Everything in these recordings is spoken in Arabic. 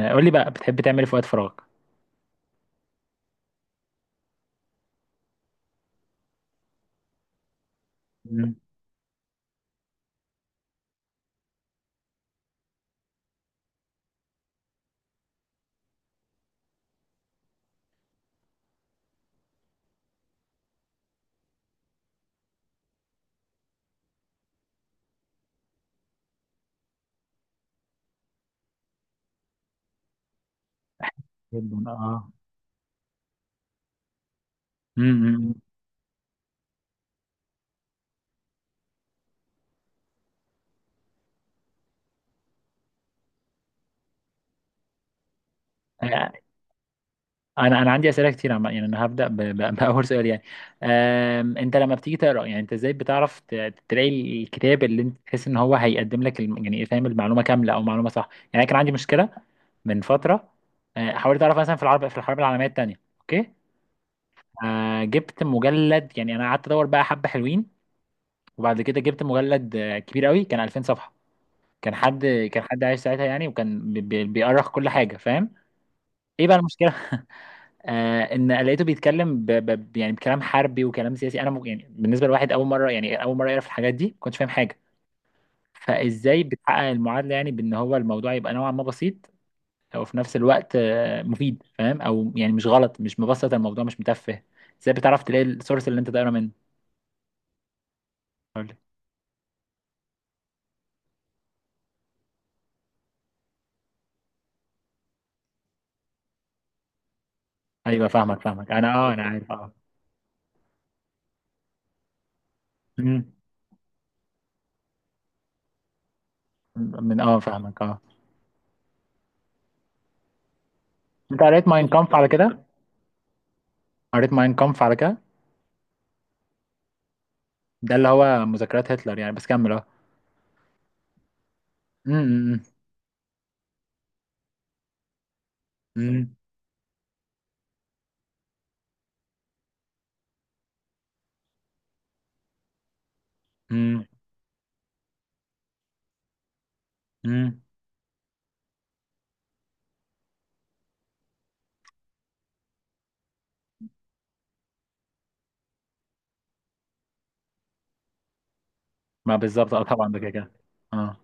قول لي بقى بتحب تعمل ايه في وقت فراغك؟ مم. جدا امم. انا انا عندي اسئله كتير عم يعني انا هبدا باول سؤال يعني. انت لما بتيجي تقرا يعني انت ازاي بتعرف تلاقي الكتاب اللي انت تحس ان هو هيقدم لك يعني فاهم المعلومه كامله او معلومه صح؟ يعني أنا كان عندي مشكله من فتره. حاولت اعرف مثلا في العرب في الحرب العالميه الثانيه. اوكي. جبت مجلد، يعني انا قعدت ادور بقى حبه حلوين. وبعد كده جبت مجلد كبير قوي، كان 2000 صفحه. كان حد كان حد عايش ساعتها يعني، وكان بيأرخ كل حاجة فاهم. ايه بقى المشكلة؟ ان لقيته بيتكلم يعني بكلام حربي وكلام سياسي. انا يعني بالنسبة لواحد اول مرة، يعني اول مرة يعرف الحاجات دي، ما كنتش فاهم حاجة. فازاي بتحقق المعادلة يعني بان هو الموضوع يبقى نوعا ما بسيط وفي نفس الوقت مفيد فاهم؟ او يعني مش غلط، مش مبسط الموضوع، مش متفه. ازاي بتعرف تلاقي السورس اللي انت دايره منه؟ قول لي. ايوه، فاهمك فاهمك. انا عارف مم. من فاهمك انت قريت ماين كامف على كده؟ قريت ماين كامف على كده. ده اللي هو مذكرات هتلر يعني، بس كمل أمم. أمم. أمم. أمم. ما بالظبط طبعا ده كده كده. اه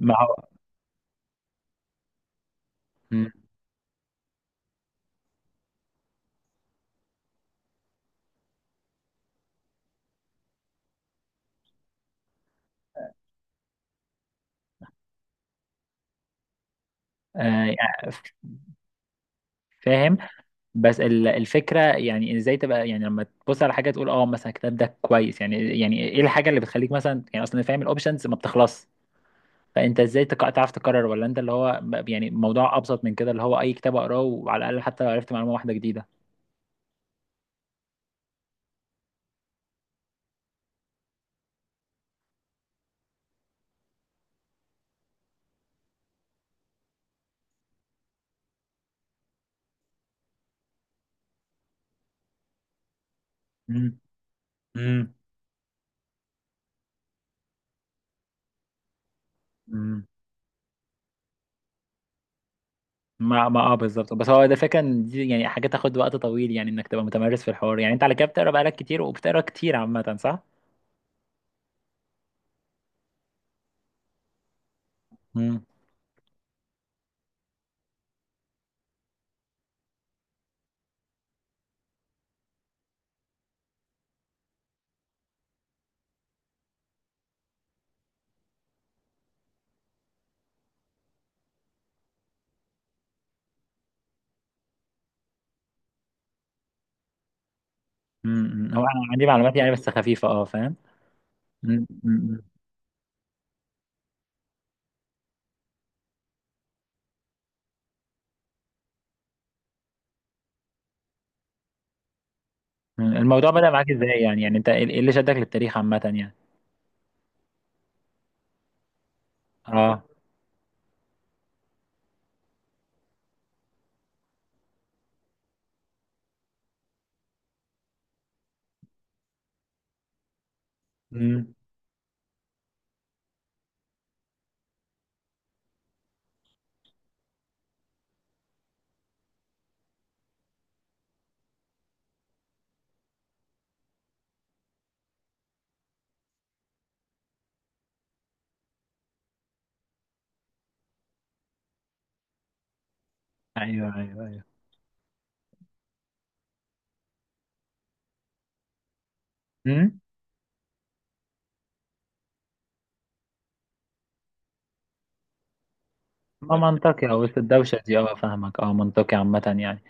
ما هو. أمم. يعني فاهم. بس الفكره يعني ازاي تبقى يعني لما تبص على حاجه تقول اه مثلا الكتاب ده كويس؟ يعني ايه الحاجه اللي بتخليك مثلا يعني اصلا فاهم الاوبشنز ما بتخلص؟ فانت ازاي تعرف تقرر؟ ولا انت اللي هو يعني موضوع ابسط من كده، اللي هو اي كتاب اقراه وعلى الاقل حتى لو عرفت معلومه واحده جديده. أمم. أمم. أمم. ما ما اه بالظبط، بس هو ده فكرة ان دي يعني حاجة تاخد وقت طويل، يعني انك تبقى متمرس في الحوار. يعني انت على كده بتقرا بقالك كتير وبتقرا كتير عامة، صح؟ امم. امم. هو انا عندي معلومات يعني بس خفيفة، فاهم؟ مم. مم. مم. الموضوع بدأ معاك ازاي؟ يعني انت إيه اللي شدك للتاريخ عامة يعني؟ اه. امم. ايوه ايوه ايوه. امم. ما منطقي وسط الدوشة دي فاهمك منطقي عامة يعني.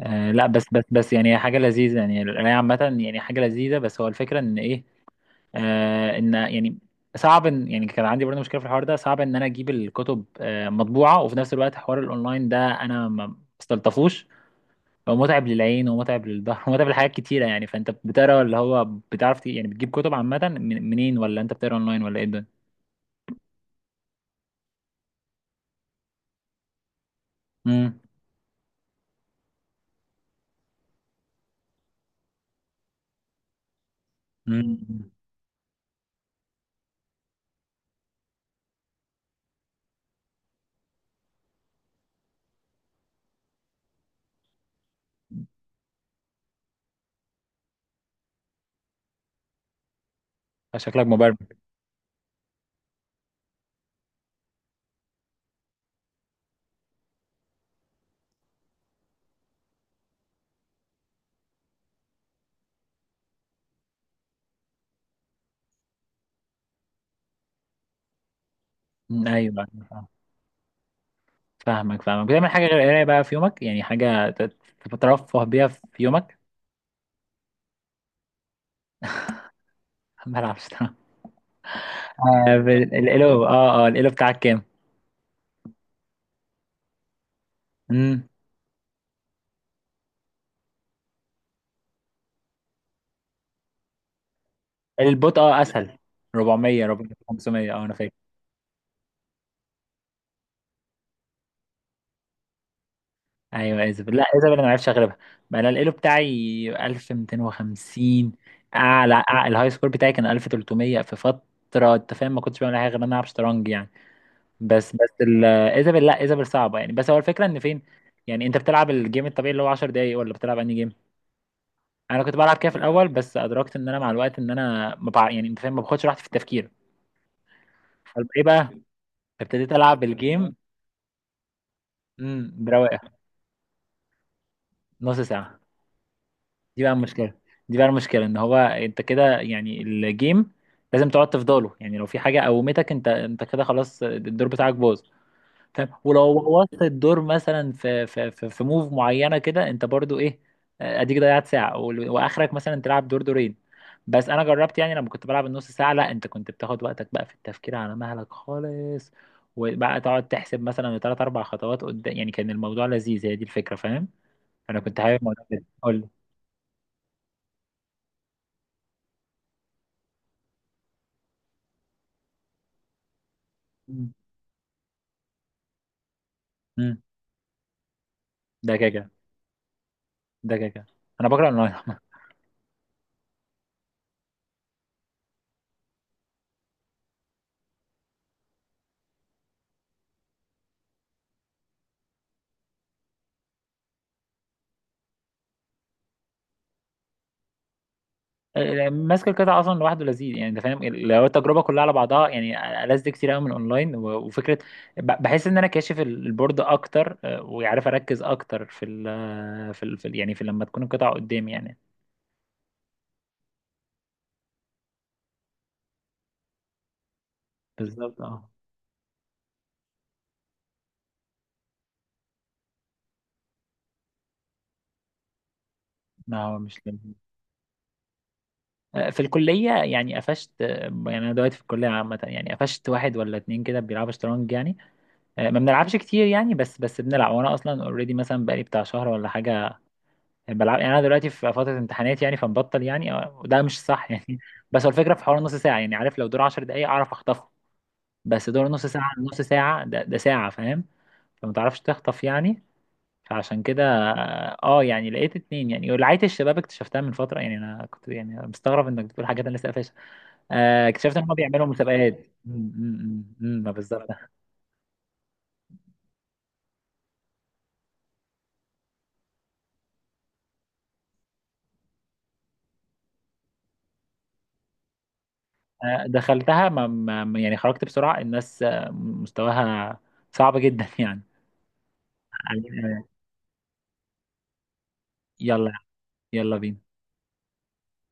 لا، بس بس بس يعني هي حاجة لذيذة، يعني القراية عامة يعني حاجة لذيذة. بس هو الفكرة ان ايه، ان يعني صعب، ان يعني كان عندي برضه مشكله في الحوار ده. صعب ان انا اجيب الكتب مطبوعه، وفي نفس الوقت حوار الاونلاين ده انا ما استلطفوش. هو متعب للعين ومتعب للظهر ومتعب لحاجات كتيره يعني. فانت بتقرا اللي هو بتعرف يعني بتجيب كتب عامه منين؟ ولا انت بتقرا اونلاين؟ ولا ايه ده؟ امم. امم. شكلك مبرمج. مم، ايوه. أيوة. فاهمك فاهمك. بتعمل حاجه غير القرايه بقى في يومك؟ يعني حاجه تترفه بيها في يومك. بلعب شطرنج. الإلو بتاعك كام؟ البوت اسهل. 400 400 500 انا فاكر. ايوه ايزابل. لا، ايزابل انا ما عرفتش اغلبها. بقى انا الالو بتاعي 1250. الهاي سكور بتاعي كان 1300 في فتره. انت فاهم، ما كنتش بعمل حاجه غير ان انا العب شطرنج يعني. بس بس ايزابل. لا، ايزابل صعبه يعني. بس هو الفكره ان فين، يعني انت بتلعب الجيم الطبيعي اللي هو 10 دقايق؟ ولا بتلعب انهي جيم؟ انا كنت بلعب كده في الاول، بس ادركت ان انا مع الوقت ان انا ما بع... يعني انت فاهم، ما باخدش راحتي في التفكير. طب ايه بقى، ابتديت العب الجيم. امم، برواقه. نص ساعه. دي بقى المشكلة. دي بقى المشكلة ان هو انت كده يعني الجيم لازم تقعد تفضله، يعني لو في حاجة قومتك انت كده خلاص الدور بتاعك باظ فاهم. ولو بوظت الدور مثلا في موف معينة كده، انت برضو ايه، اديك ضيعت ساعة واخرك مثلا تلعب دور دورين. بس انا جربت، يعني لما كنت بلعب النص ساعة، لا انت كنت بتاخد وقتك بقى في التفكير على مهلك خالص. وبقى تقعد تحسب مثلا ثلاث اربع خطوات قدام، يعني كان الموضوع لذيذ. هي دي الفكرة فاهم، انا كنت حابب الموضوع ده. قول لي. ده كده، ده كده انا بكره الاونلاين عامة. ماسك القطع اصلا لوحده لذيذ، يعني انت فاهم لو التجربه كلها على بعضها يعني ألذ كتير قوي من الاونلاين. و- وفكره بحس ان انا كاشف البورد اكتر، وعارف اركز اكتر يعني في لما تكون القطع قدامي يعني. بالظبط لا هو مش لذيذ. في الكليه يعني قفشت، يعني انا دلوقتي في الكليه عامه يعني قفشت واحد ولا اتنين كده بيلعبوا شطرنج يعني. ما بنلعبش كتير يعني، بس بس بنلعب. وانا اصلا اوريدي مثلا بقالي بتاع شهر ولا حاجه بلعب. يعني انا دلوقتي في فتره امتحانات يعني فمبطل يعني، وده مش صح يعني. بس هو الفكره في حوار نص ساعه يعني، عارف لو دور 10 دقائق اعرف اخطفه. بس دور نص ساعه، نص ساعه ده, ده ساعه فاهم. فما تعرفش تخطف يعني. فعشان كده يعني لقيت اتنين يعني. ولعية الشباب اكتشفتها من فتره يعني. انا كنت يعني مستغرب انك بتقول حاجات انا لسه قافشها. اكتشفت ان هم بيعملوا مسابقات. ما بالظبط. دخلتها يعني خرجت بسرعه. الناس مستواها صعب جدا يعني. يلا. يلا بينا.